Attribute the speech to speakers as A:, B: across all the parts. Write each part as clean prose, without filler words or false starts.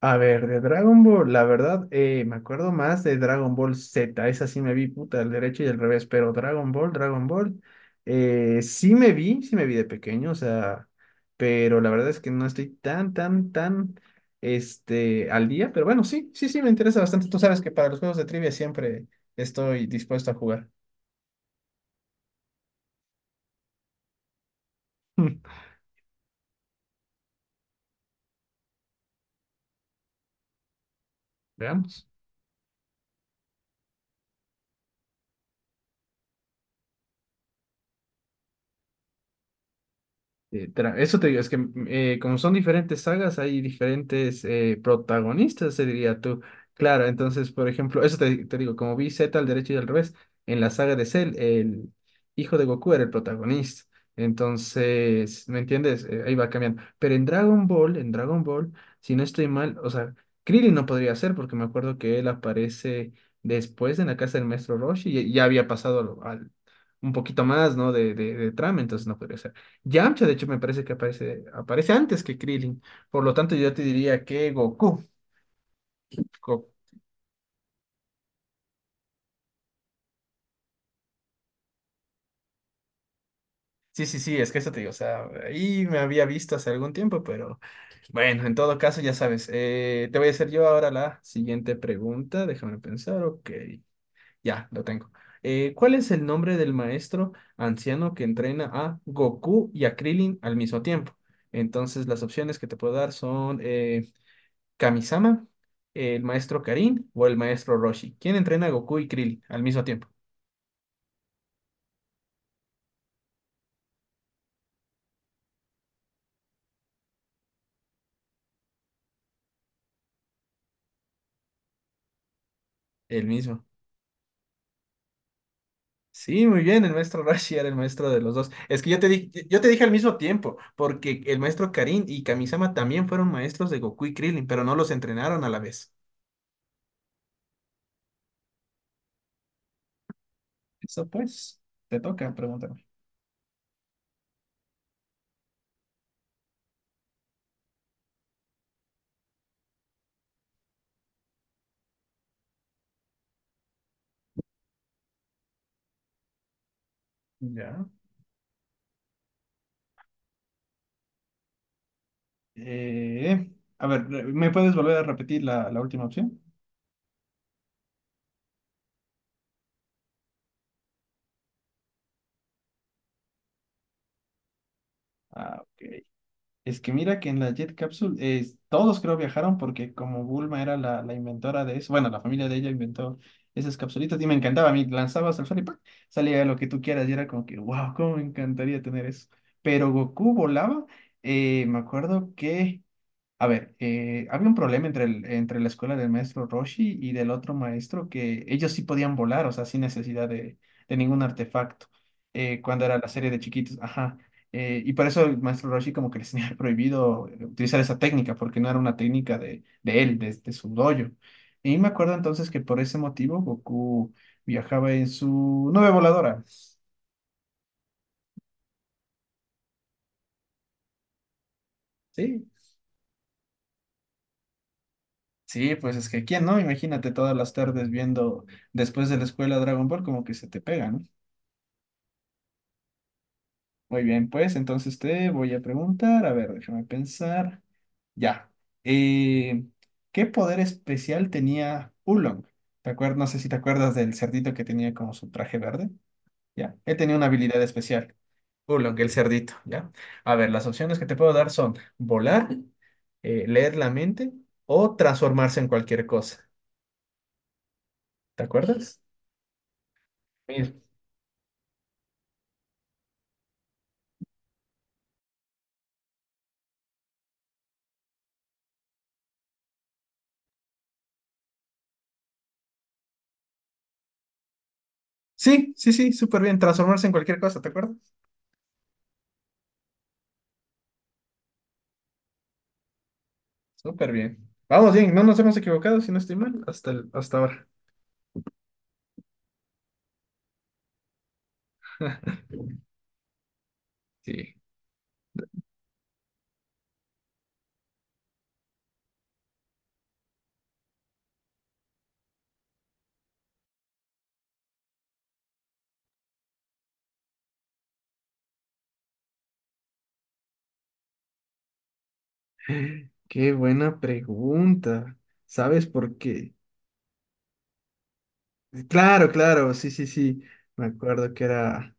A: A ver, de Dragon Ball, la verdad, me acuerdo más de Dragon Ball Z, esa sí me vi, puta, al derecho y al revés, pero Dragon Ball, sí me vi de pequeño, o sea, pero la verdad es que no estoy tan al día, pero bueno, sí, me interesa bastante, tú sabes que para los juegos de trivia siempre estoy dispuesto a jugar. Veamos. Eso te digo, es que como son diferentes sagas, hay diferentes protagonistas, se diría tú. Claro, entonces, por ejemplo, eso te digo, como vi Z al derecho y al revés, en la saga de Cell, el hijo de Goku era el protagonista. Entonces, ¿me entiendes? Ahí va cambiando. Pero en Dragon Ball, si no estoy mal, o sea, Krillin no podría ser porque me acuerdo que él aparece después en la casa del maestro Roshi y ya había pasado un poquito más, ¿no? De trama, entonces no podría ser. Yamcha, de hecho, me parece que aparece antes que Krillin. Por lo tanto, yo te diría que Goku. Go- sí, sí, es que eso te digo. O sea, ahí me había visto hace algún tiempo, pero bueno, en todo caso, ya sabes. Te voy a hacer yo ahora la siguiente pregunta. Déjame pensar. Ok, ya, lo tengo. ¿Cuál es el nombre del maestro anciano que entrena a Goku y a Krillin al mismo tiempo? Entonces, las opciones que te puedo dar son Kamisama, el maestro Karin o el maestro Roshi. ¿Quién entrena a Goku y Krill al mismo tiempo? El mismo. Sí, muy bien, el maestro Roshi era el maestro de los dos. Es que yo te dije al mismo tiempo, porque el maestro Karin y Kamisama también fueron maestros de Goku y Krillin, pero no los entrenaron a la vez. Eso pues, te toca preguntarme. Ya. Eh, a ver, ¿me puedes volver a repetir la última opción? Ah, ok. Es que mira que en la Jet Capsule todos creo viajaron porque como Bulma era la inventora de eso, bueno, la familia de ella inventó esas capsulitas y me encantaba, a mí lanzabas al sol y ¡pac! Salía lo que tú quieras y era como que, wow, cómo me encantaría tener eso. Pero Goku volaba, me acuerdo que a ver, había un problema entre la escuela del maestro Roshi y del otro maestro que ellos sí podían volar, o sea, sin necesidad de ningún artefacto, cuando era la serie de chiquitos, ajá. Y por eso el maestro Roshi como que les tenía prohibido utilizar esa técnica, porque no era una técnica de él, de su dojo. Y me acuerdo entonces que por ese motivo Goku viajaba en su nube voladora. Sí, sí, pues es que quién no, imagínate todas las tardes viendo después de la escuela Dragon Ball como que se te pega, ¿no? Muy bien, pues entonces te voy a preguntar, a ver, déjame pensar. Ya. Eh, ¿Qué poder especial tenía Oolong? ¿Te acuerdas? No sé si te acuerdas del cerdito que tenía como su traje verde. Ya. Él tenía una habilidad especial. Oolong, el cerdito, ¿ya? A ver, las opciones que te puedo dar son volar, leer la mente o transformarse en cualquier cosa. ¿Te acuerdas? Mira. Sí, sí, sí, súper bien. Transformarse en cualquier cosa, ¿te acuerdas? Súper bien. Vamos bien, no nos hemos equivocado, si no estoy mal, hasta ahora. Sí. Qué buena pregunta. ¿Sabes por qué? Claro, claro, sí, sí, sí. Me acuerdo que era...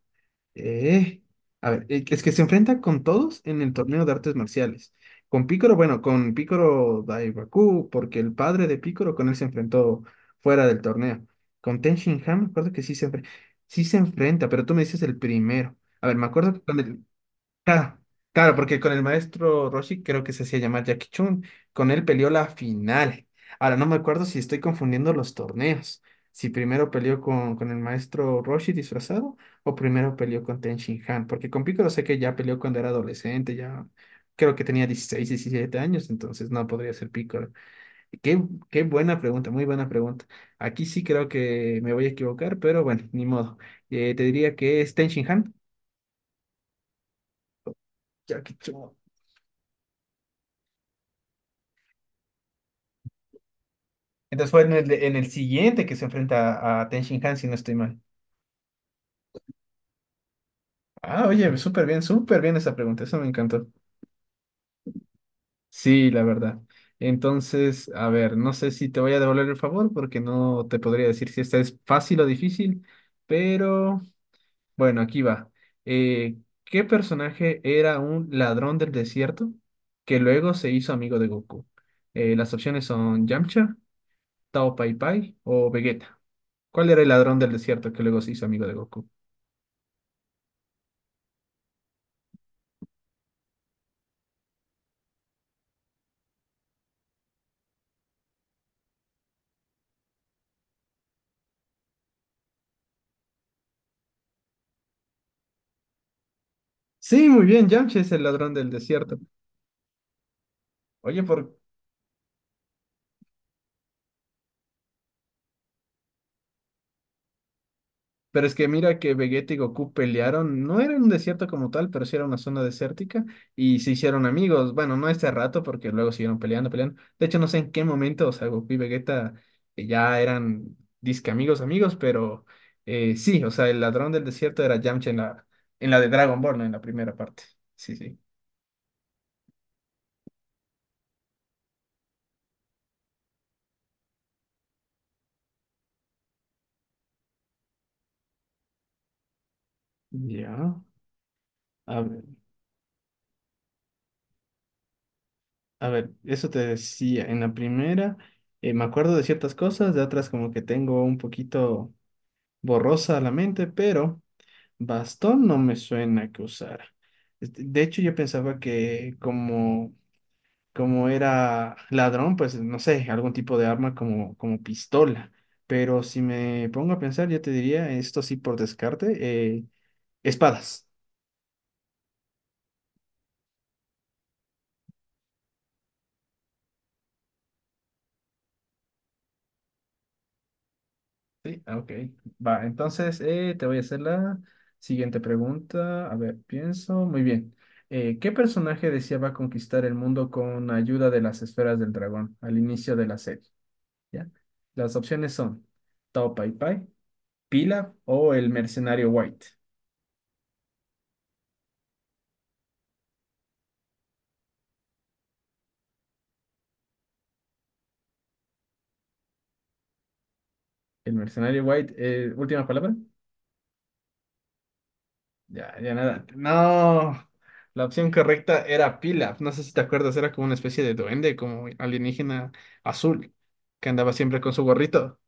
A: eh, A ver, es que se enfrenta con todos en el torneo de artes marciales. Con Picoro, bueno, con Picoro Daibaku, porque el padre de Picoro con él se enfrentó fuera del torneo. Con Ten Shin Han, me acuerdo que sí se enfrenta, pero tú me dices el primero. A ver, me acuerdo que con el. Ah, claro, porque con el maestro Roshi creo que se hacía llamar Jackie Chun. Con él peleó la final. Ahora no me acuerdo si estoy confundiendo los torneos. Si primero peleó con el maestro Roshi disfrazado o primero peleó con Ten Shin Han. Porque con Piccolo sé que ya peleó cuando era adolescente, ya creo que tenía 16, 17 años, entonces no podría ser Piccolo. Y Qué, Qué buena pregunta, muy buena pregunta. Aquí sí creo que me voy a equivocar, pero bueno, ni modo. Te diría que es Ten Shin Han. Jackie Chun. Entonces fue en en el siguiente que se enfrenta a Ten Shin Han, si no estoy mal. Ah, oye, súper bien esa pregunta, eso me encantó. Sí, la verdad. Entonces, a ver, no sé si te voy a devolver el favor porque no te podría decir si esta es fácil o difícil, pero bueno, aquí va. Eh, ¿Qué personaje era un ladrón del desierto que luego se hizo amigo de Goku? Las opciones son Yamcha, Tao Pai Pai o Vegeta. ¿Cuál era el ladrón del desierto que luego se hizo amigo de Goku? Sí, muy bien, Yamcha es el ladrón del desierto. Oye, por... Pero es que mira que Vegeta y Goku pelearon, no era un desierto como tal, pero sí era una zona desértica y se hicieron amigos. Bueno, no este rato porque luego siguieron peleando. De hecho, no sé en qué momento, o sea, Goku y Vegeta ya eran disque amigos, pero sí, o sea, el ladrón del desierto era Yamcha en en la de Dragon Ball, ¿no? En la primera parte. Sí, sí. Ya. A ver. A ver, eso te decía, en la primera me acuerdo de ciertas cosas, de otras como que tengo un poquito borrosa la mente, pero bastón no me suena que usara. Este, de hecho, yo pensaba que como era ladrón, pues no sé, algún tipo de arma como pistola, pero si me pongo a pensar, yo te diría, esto sí por descarte, eh, espadas. Sí, ah, ok. Va, entonces te voy a hacer la siguiente pregunta. A ver, pienso. Muy bien. ¿Qué personaje deseaba conquistar el mundo con ayuda de las esferas del dragón al inicio de la serie? ¿Ya? Las opciones son Tao Pai Pai, Pilaf o el mercenario White. El mercenario White, última palabra. Ya, ya nada. No. La opción correcta era Pilaf. No sé si te acuerdas, era como una especie de duende, como alienígena azul, que andaba siempre con su gorrito.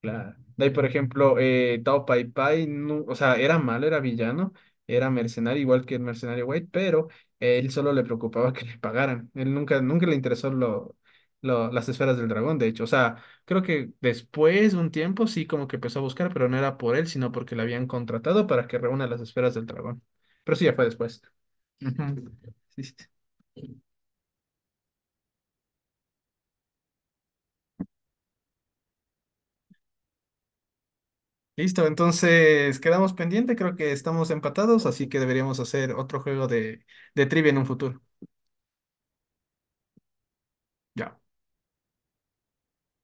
A: Claro. De ahí, por ejemplo, Tao Pai Pai, o sea, era malo, era villano, era mercenario, igual que el mercenario White, pero él solo le preocupaba que le pagaran. Él nunca le interesó las esferas del dragón, de hecho. O sea, creo que después de un tiempo sí como que empezó a buscar, pero no era por él, sino porque le habían contratado para que reúna las esferas del dragón. Pero sí, ya fue después. Ujú. Sí, sí. Listo, entonces quedamos pendiente, creo que estamos empatados, así que deberíamos hacer otro juego de trivia en un futuro. Ya.